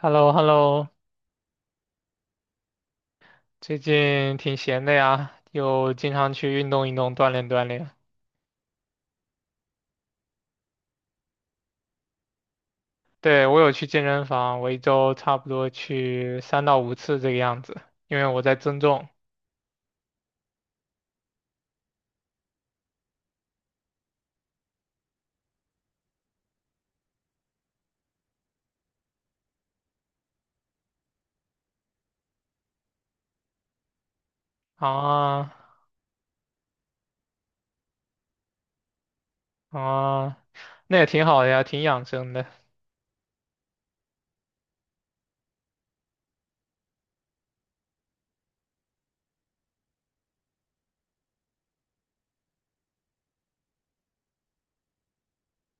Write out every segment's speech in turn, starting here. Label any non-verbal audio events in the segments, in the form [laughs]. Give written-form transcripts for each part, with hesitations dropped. h e l l o h e l l o 最近挺闲的呀，又经常去运动运动，锻炼锻炼。对，我有去健身房，我一周差不多去3到5次这个样子，因为我在增重。啊啊，那也挺好的呀，挺养生的。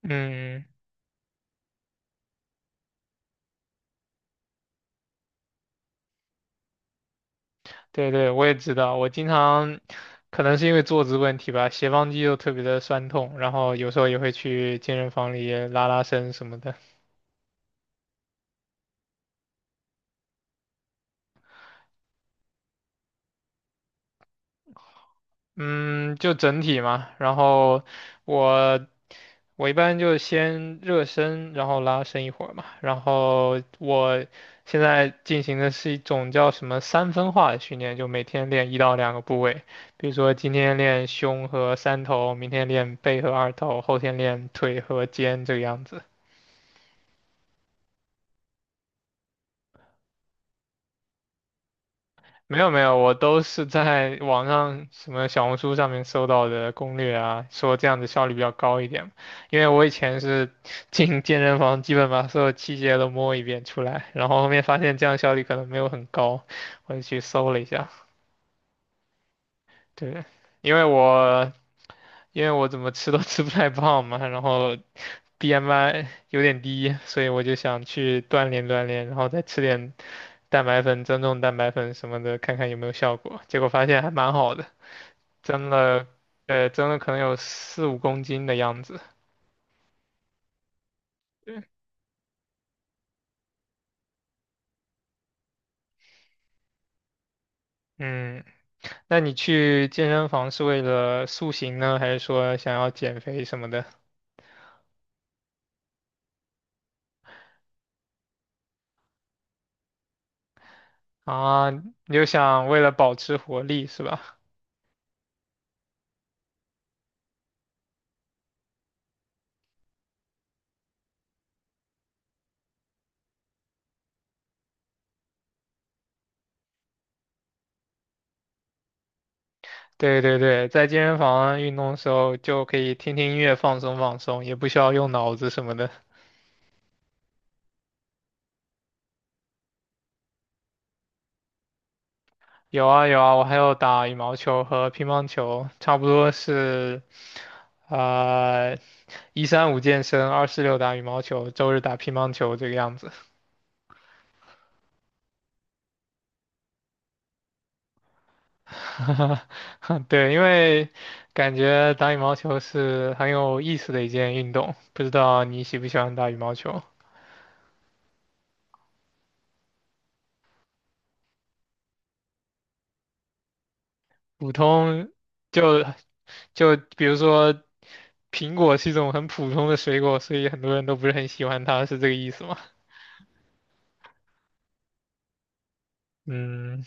嗯，对对，我也知道，我经常可能是因为坐姿问题吧，斜方肌又特别的酸痛，然后有时候也会去健身房里拉拉伸什么的。嗯，就整体嘛，然后我我一般就先热身，然后拉伸一会儿嘛，然后我现在进行的是一种叫什么三分化的训练，就每天练1到2个部位，比如说今天练胸和三头，明天练背和二头，后天练腿和肩这个样子。没有没有，我都是在网上什么小红书上面搜到的攻略啊，说这样子效率比较高一点嘛因为我以前是 [laughs] 进健身房，基本把所有器械都摸一遍出来，然后后面发现这样效率可能没有很高，我就去搜了一下。对，因为我因为我怎么吃都 [laughs] 吃不太胖嘛，然后 BMI 有点低，所以我就想去锻炼锻炼，然后再吃点蛋白粉、增重蛋白粉什么的，看看有没有效果。结果发现还蛮好的。增了，增了可能有4、5公斤的样子。对，嗯，那你去健身房是为了塑形呢，还是说想要减肥什么的？啊，你就想为了保持活力是吧？对对对，在健身房运动的时候就可以听听音乐放松放松，也不需要用脑子什么的。有啊有啊，我还有打羽毛球和乒乓球，差不多是，呃，1、3、5健身，2、4、6打羽毛球，周日打乒乓球这个样子。[laughs] 对，因为感觉打羽毛球是很有意思的一件运动，不知道你喜不喜欢打羽毛球？普通就就比如说，苹果是一种很普通的水果，所以很多人都不是很喜欢它，是这个意思吗？嗯，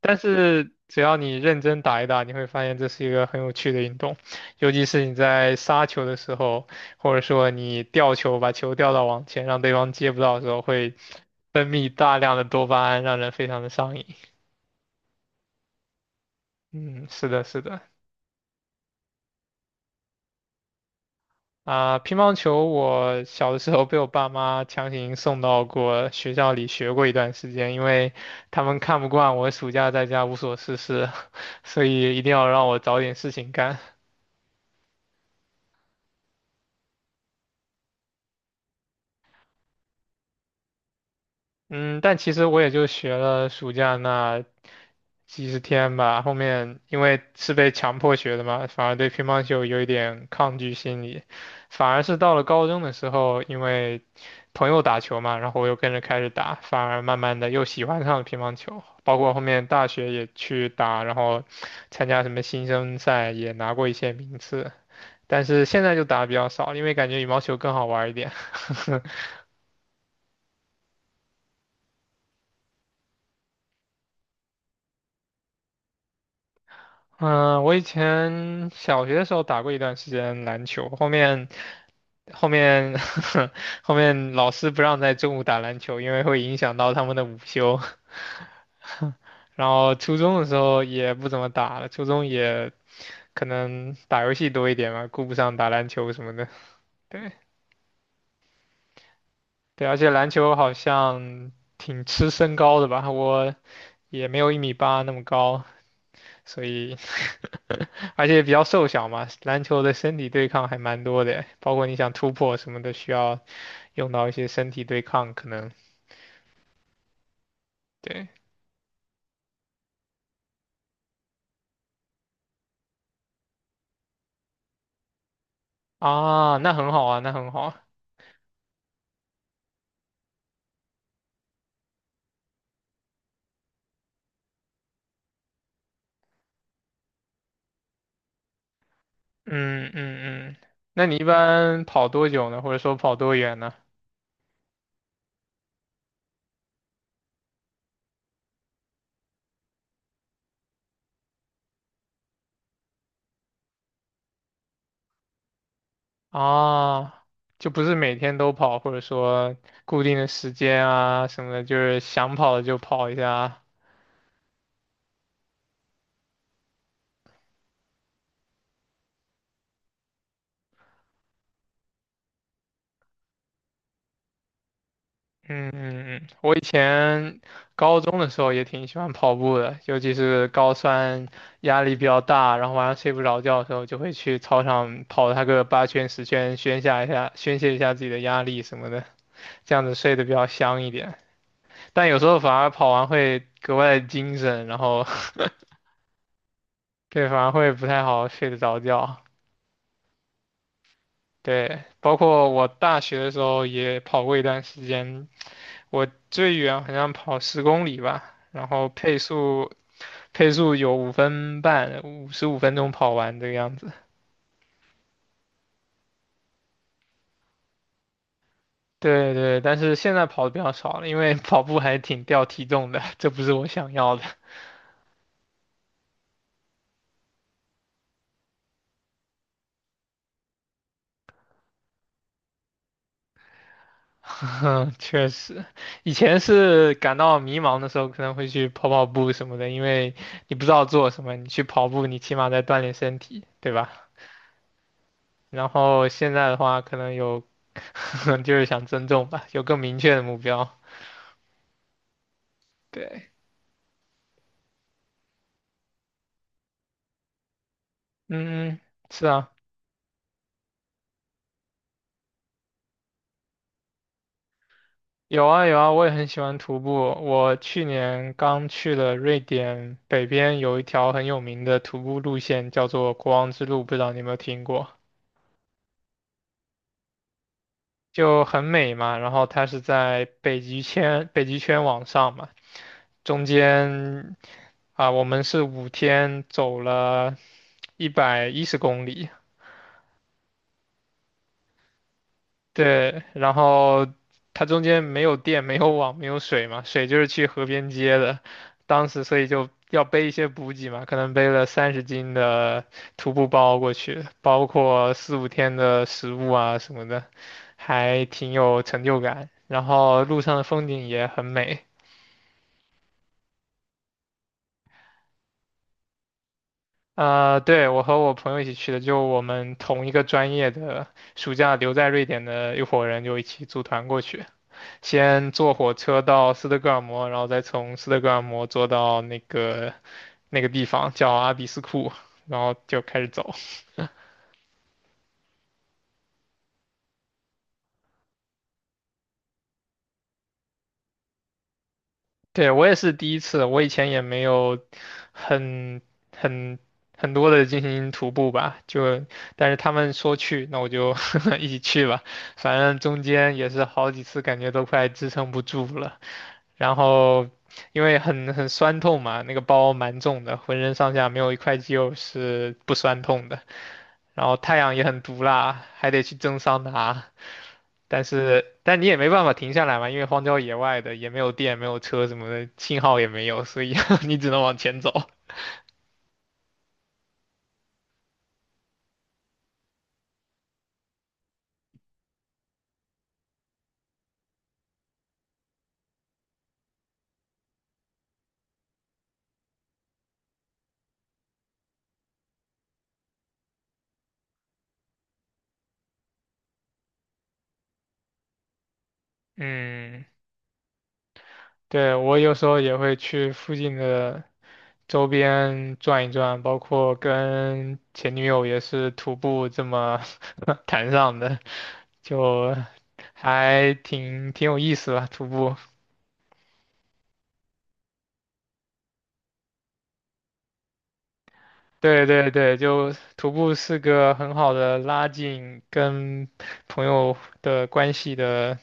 但是只要你认真打一打，你会发现这是一个很有趣的运动，尤其是你在杀球的时候，或者说你吊球把球吊到网前，让对方接不到的时候，会分泌大量的多巴胺，让人非常的上瘾。嗯，是的，是的。啊，乒乓球我小的时候被我爸妈强行送到过学校里学过一段时间，因为他们看不惯我暑假在家无所事事，[laughs] 所以一定要让我找点事情干。嗯，但其实我也就学了暑假那几十天吧，后面因为是被强迫学的嘛，反而对乒乓球有一点抗拒心理，反而是到了高中的时候，因为朋友打球嘛，然后我又跟着开始打，反而慢慢的又喜欢上了乒乓球，包括后面大学也去打，然后参加什么新生赛也拿过一些名次，但是现在就打的比较少，因为感觉羽毛球更好玩儿一点。[laughs] 嗯，我以前小学的时候打过一段时间篮球，后面 [laughs] 后面老师不让在中午打篮球，因为会影响到他们的午休。[laughs] 然后初中的时候也不怎么打了，初中也可能打游戏多一点嘛，顾不上打篮球什么的。对对，而且篮球好像挺吃身高的吧，我也没有1米8那么高，所以而且比较瘦小嘛，篮球的身体对抗还蛮多的，包括你想突破什么的需要。用到一些身体对抗，可能对啊，那很好啊，那很好啊。嗯嗯嗯，那你一般跑多久呢？或者说跑多远呢？啊，就不是每天都跑，或者说固定的时间啊什么的，就是想跑就跑一下啊，嗯嗯嗯，我以前高中的时候也挺喜欢跑步的，尤其是高三压力比较大，然后晚上睡不着觉的时候，就会去操场跑它个8圈10圈，宣泄一下宣泄一下自己的压力什么的，这样子睡得比较香一点。但有时候反而跑完会格外的精神，然后 [laughs] 对，反而会不太好睡得着觉。对，包括我大学的时候也跑过一段时间，我最远好像跑十公里吧，然后配速。配速有5分半，55分钟跑完这个样子。对对，但是现在跑的比较少了，因为跑步还挺掉体重的，这不是我想要的。[laughs] 确实，以前是感到迷茫的时候，可能会去跑跑步什么的，因为你不知道做什么，你去跑步，你起码在锻炼身体，对吧？然后现在的话，可能有，[laughs] 就是想增重吧，有更明确的目标。对，嗯，是啊。有啊有啊，我也很喜欢徒步。我去年刚去了瑞典北边，有一条很有名的徒步路线，叫做国王之路，不知道你有没有听过？就很美嘛。然后它是在北极圈往上嘛，中间啊，我们是五天走了110公里，对，然后它中间没有电、没有网、没有水嘛，水就是去河边接的。当时所以就要背一些补给嘛，可能背了30斤的徒步包过去，包括4、5天的食物啊什么的，还挺有成就感。然后路上的风景也很美。啊。对，我和我朋友一起去的，就我们同一个专业的，暑假留在瑞典的一伙人就一起组团过去。先坐火车到斯德哥尔摩，然后再从斯德哥尔摩坐到那个地方叫阿比斯库，然后就开始走。对，我也是第一次，我以前也没有很很很多的进行徒步吧，就但是他们说去，那我就 [laughs] 一起去吧。反正中间也是好几次，感觉都快支撑不住了，然后。因为很酸痛嘛，那个包蛮重的，浑身上下没有一块肌肉是不酸痛的。然后太阳也很毒辣，还得去蒸桑拿。但是，但你也没办法停下来嘛，因为荒郊野外的，也没有电，没有车什么的，信号也没有，所以 [laughs] 你只能往前走。嗯，对，我有时候也会去附近的周边转一转，包括跟前女友也是徒步这么 [laughs] 谈上的，就还挺有意思吧，徒步。对对对，就徒步是个很好的拉近跟朋友的关系的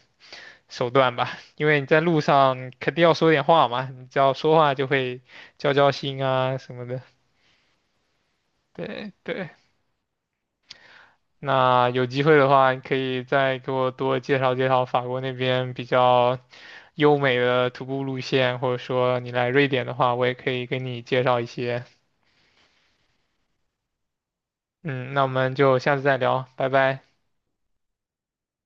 手段吧，因为你在路上肯定要说点话嘛，你只要说话就会交心啊什么的。对对，那有机会的话，你可以再给我多介绍介绍法国那边比较优美的徒步路线，或者说你来瑞典的话，我也可以给你介绍一些。嗯，那我们就下次再聊，拜拜。